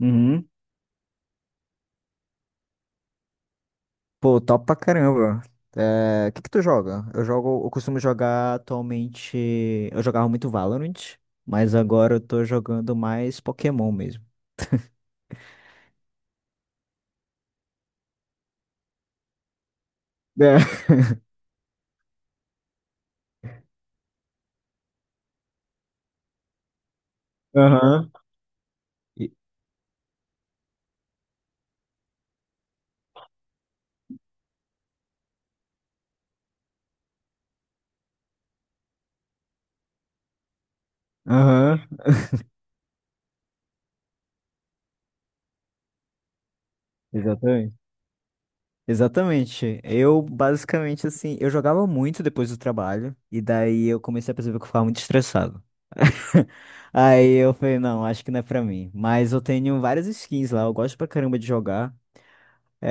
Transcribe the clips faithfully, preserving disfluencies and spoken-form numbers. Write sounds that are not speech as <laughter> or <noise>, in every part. Uhum. Pô, top pra caramba. É, o que que tu joga? Eu jogo, eu costumo jogar atualmente. Eu jogava muito Valorant, mas agora eu tô jogando mais Pokémon mesmo. É. <laughs> Aham. E- Aham. Exatamente. Exatamente. Eu basicamente assim, eu jogava muito depois do trabalho, e daí eu comecei a perceber que eu ficava muito estressado. <laughs> Aí eu falei, não, acho que não é pra mim. Mas eu tenho várias skins lá, eu gosto pra caramba de jogar.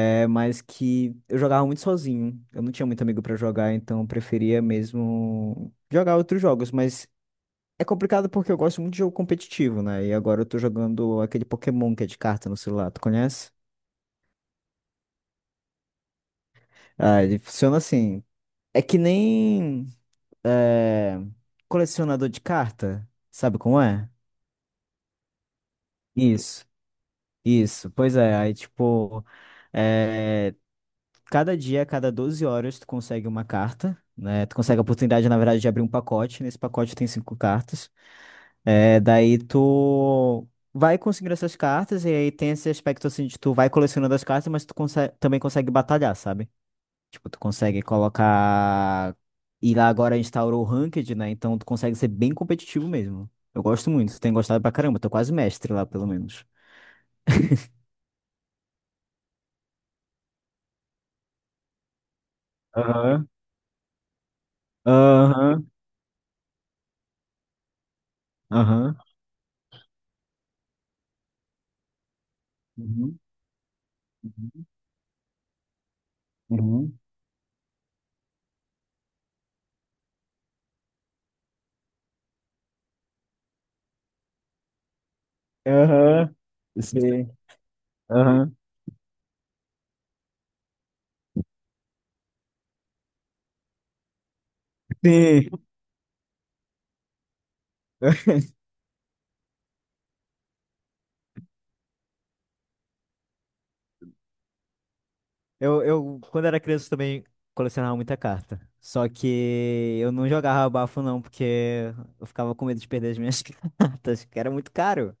É mais que eu jogava muito sozinho. Eu não tinha muito amigo pra jogar, então eu preferia mesmo jogar outros jogos, mas é complicado porque eu gosto muito de jogo competitivo, né? E agora eu tô jogando aquele Pokémon que é de carta no celular, tu conhece? Ah, ele funciona assim. É que nem é, colecionador de carta, sabe como é? Isso, isso. Pois é, aí tipo, eh, cada dia, a cada doze horas, tu consegue uma carta, né? Tu consegue a oportunidade, na verdade, de abrir um pacote. Nesse pacote tem cinco cartas. É, daí tu vai conseguindo essas cartas, e aí tem esse aspecto assim de tu vai colecionando as cartas, mas tu conse- também consegue batalhar, sabe? Tipo, tu consegue colocar. E lá agora instaurou o Ranked, né? Então tu consegue ser bem competitivo mesmo. Eu gosto muito, tenho gostado pra caramba, tô quase mestre lá, pelo menos. Aham, aham, aham. Uhum, uhum, uhum. Aham, sim. Aham. Sim. <laughs> Eu, eu, quando era criança, também colecionava muita carta. Só que eu não jogava bafo, não, porque eu ficava com medo de perder as minhas <laughs> cartas, que era muito caro.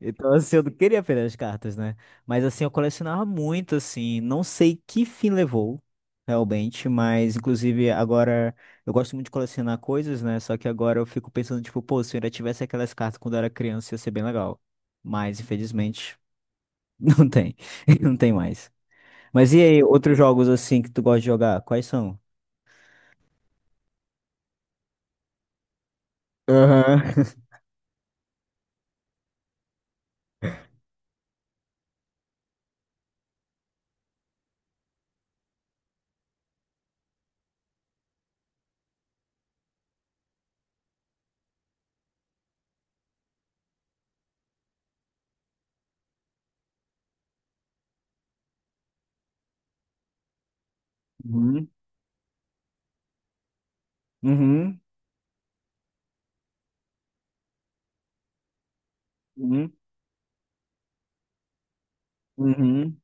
Então, assim, eu não queria perder as cartas, né? Mas, assim, eu colecionava muito, assim. Não sei que fim levou, realmente, mas, inclusive, agora eu gosto muito de colecionar coisas, né? Só que agora eu fico pensando, tipo, pô, se eu ainda tivesse aquelas cartas quando eu era criança, ia ser bem legal. Mas, infelizmente. Não tem. <laughs> Não tem mais. Mas e aí, outros jogos assim que tu gosta de jogar? Quais são? Aham. Uhum. Uhum. Uhum. Uhum.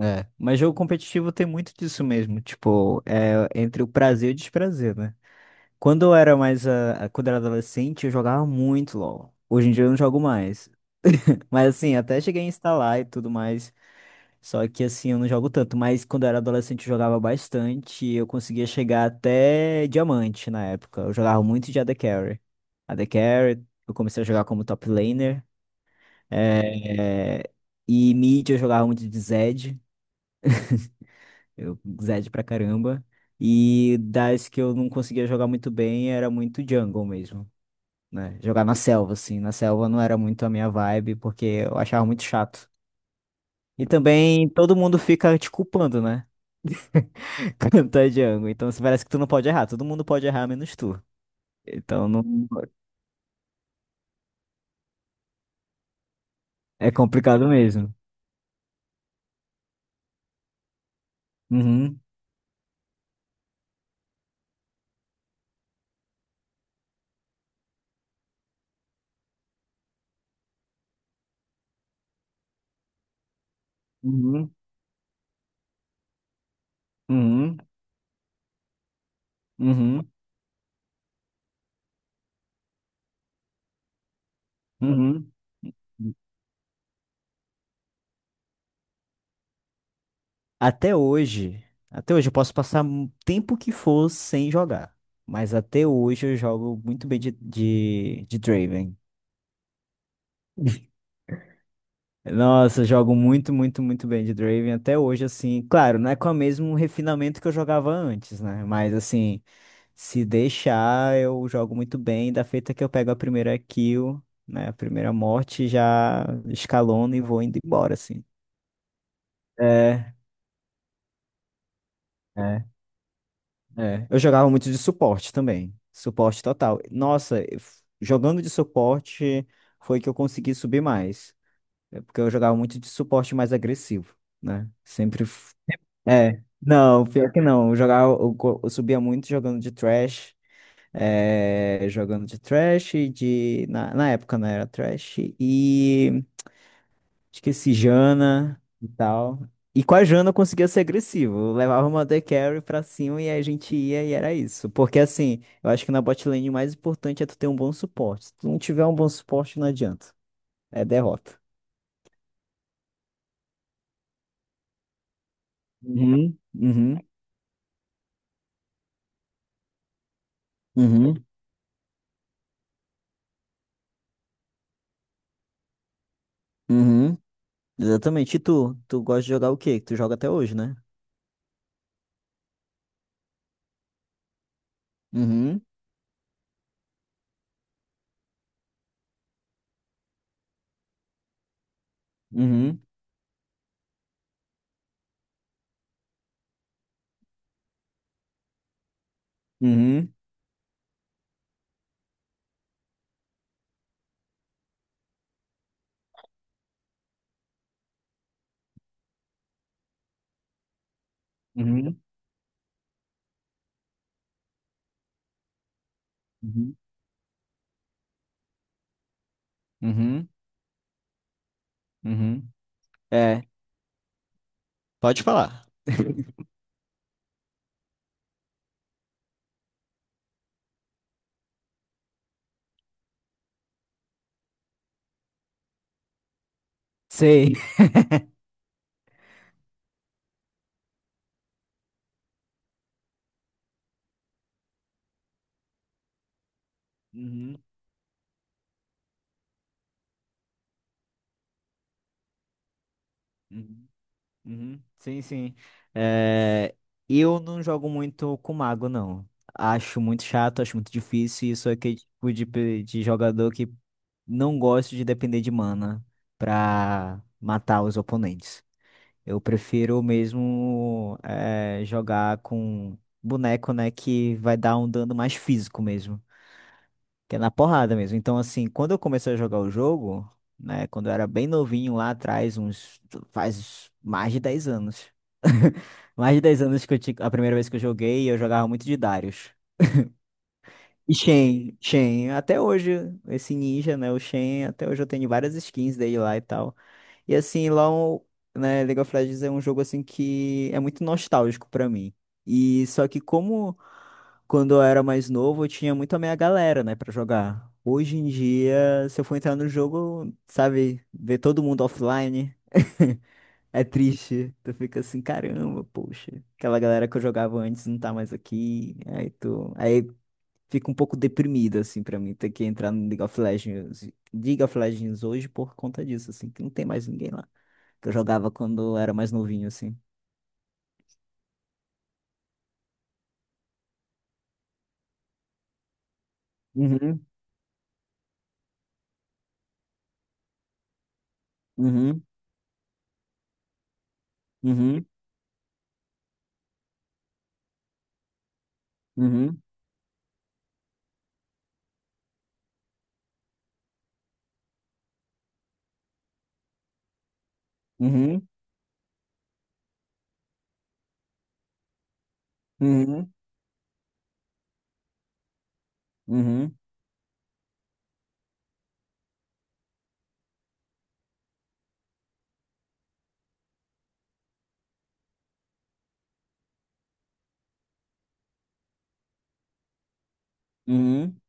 É. Mas jogo competitivo tem muito disso mesmo. Tipo, é entre o prazer e o desprazer, né? Quando eu era mais. ah, ah, quando eu era adolescente, eu jogava muito LOL. Hoje em dia eu não jogo mais. <laughs> Mas assim, até cheguei a instalar e tudo mais. Só que assim, eu não jogo tanto, mas quando eu era adolescente eu jogava bastante e eu conseguia chegar até diamante na época. Eu jogava muito de A D Carry. A D Carry, eu comecei a jogar como top laner. é, E mid eu jogava muito de Zed. Eu Zed pra caramba. E das que eu não conseguia jogar muito bem era muito jungle mesmo, né? Jogar na selva, assim. Na selva não era muito a minha vibe, porque eu achava muito chato. E também todo mundo fica te culpando, né? <laughs> Cantar Django. Então se parece que tu não pode errar. Todo mundo pode errar, menos tu. Então não é complicado mesmo. Uhum, uhum, uhum, uhum, uhum. Até hoje, até hoje eu posso passar o tempo que for sem jogar. Mas até hoje eu jogo muito bem de, de, de Draven. <laughs> Nossa, eu jogo muito, muito, muito bem de Draven até hoje, assim. Claro, não é com o mesmo refinamento que eu jogava antes, né? Mas assim. Se deixar, eu jogo muito bem. Da feita que eu pego a primeira kill, né? A primeira morte, já escalono e vou indo embora, assim. É, é, É. Eu jogava muito de suporte também. Suporte total. Nossa, eu f- jogando de suporte foi que eu consegui subir mais. É. Porque eu jogava muito de suporte mais agressivo, né? Sempre. f- É. Não, pior que não. Eu jogava, eu, go- Eu subia muito jogando de trash. Eh, jogando de Thresh, de... Na, na época não era Thresh, e esqueci Jana e tal. E com a Jana eu conseguia ser agressivo, eu levava uma A D Carry pra cima e a gente ia e era isso. Porque assim, eu acho que na bot lane o mais importante é tu ter um bom suporte. Se tu não tiver um bom suporte, não adianta, é derrota. Uhum, uhum, uhum, uhum. Exatamente. E tu? Tu gosta de jogar o quê? Que tu joga até hoje, né? Uhum, uhum, uhum, uhum. Uhum, uhum. Uhum. É, pode falar. Sei. <laughs> Uhum, uhum, uhum. Sim, sim. É, eu não jogo muito com mago, não. Acho muito chato, acho muito difícil. E sou aquele tipo de, pe- de jogador que não gosto de depender de mana pra matar os oponentes. Eu prefiro mesmo é, jogar com boneco, né, que vai dar um dano mais físico mesmo. Que é na porrada mesmo. Então, assim, quando eu comecei a jogar o jogo, né, quando eu era bem novinho lá atrás, uns, faz mais de dez anos. <laughs> Mais de dez anos que eu, ti- a primeira vez que eu joguei, eu jogava muito de Darius. E Shen, Shen, até hoje, esse ninja, né, o Shen, até hoje eu tenho várias skins dele lá e tal. E assim, lá, o- né, League of Legends é um jogo assim que é muito nostálgico pra mim. E só que como quando eu era mais novo, eu tinha muito a minha galera, né, pra jogar. Hoje em dia, se eu for entrar no jogo, sabe, ver todo mundo offline, <laughs> é triste. Tu fica assim, caramba, poxa, aquela galera que eu jogava antes não tá mais aqui. Aí tu, aí fica um pouco deprimido assim pra mim ter que entrar no League of Legends, League of Legends hoje por conta disso, assim, que não tem mais ninguém lá que eu jogava quando eu era mais novinho assim. Uhum, uhum, uhum, uhum, uhum, uhum, uhum, uhum. Uhum,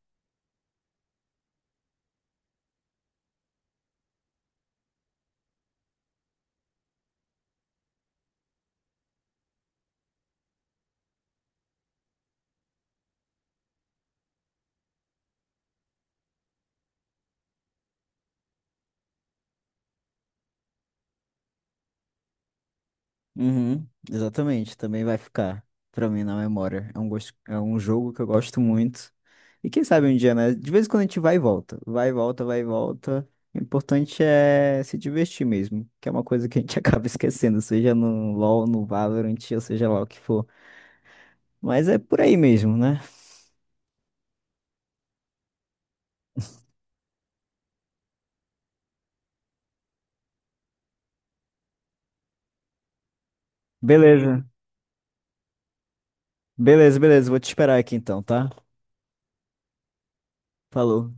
uhum, exatamente, também vai ficar pra mim na memória. É um gosto, é um jogo que eu gosto muito. E quem sabe um dia, né? De vez em quando a gente vai e volta, vai e volta, vai e volta. O importante é se divertir mesmo, que é uma coisa que a gente <laughs> acaba esquecendo, seja no LoL, no Valorant, ou seja lá o que for. Mas é por aí mesmo, né? Beleza, beleza, beleza. Vou te esperar aqui então, tá? Falou.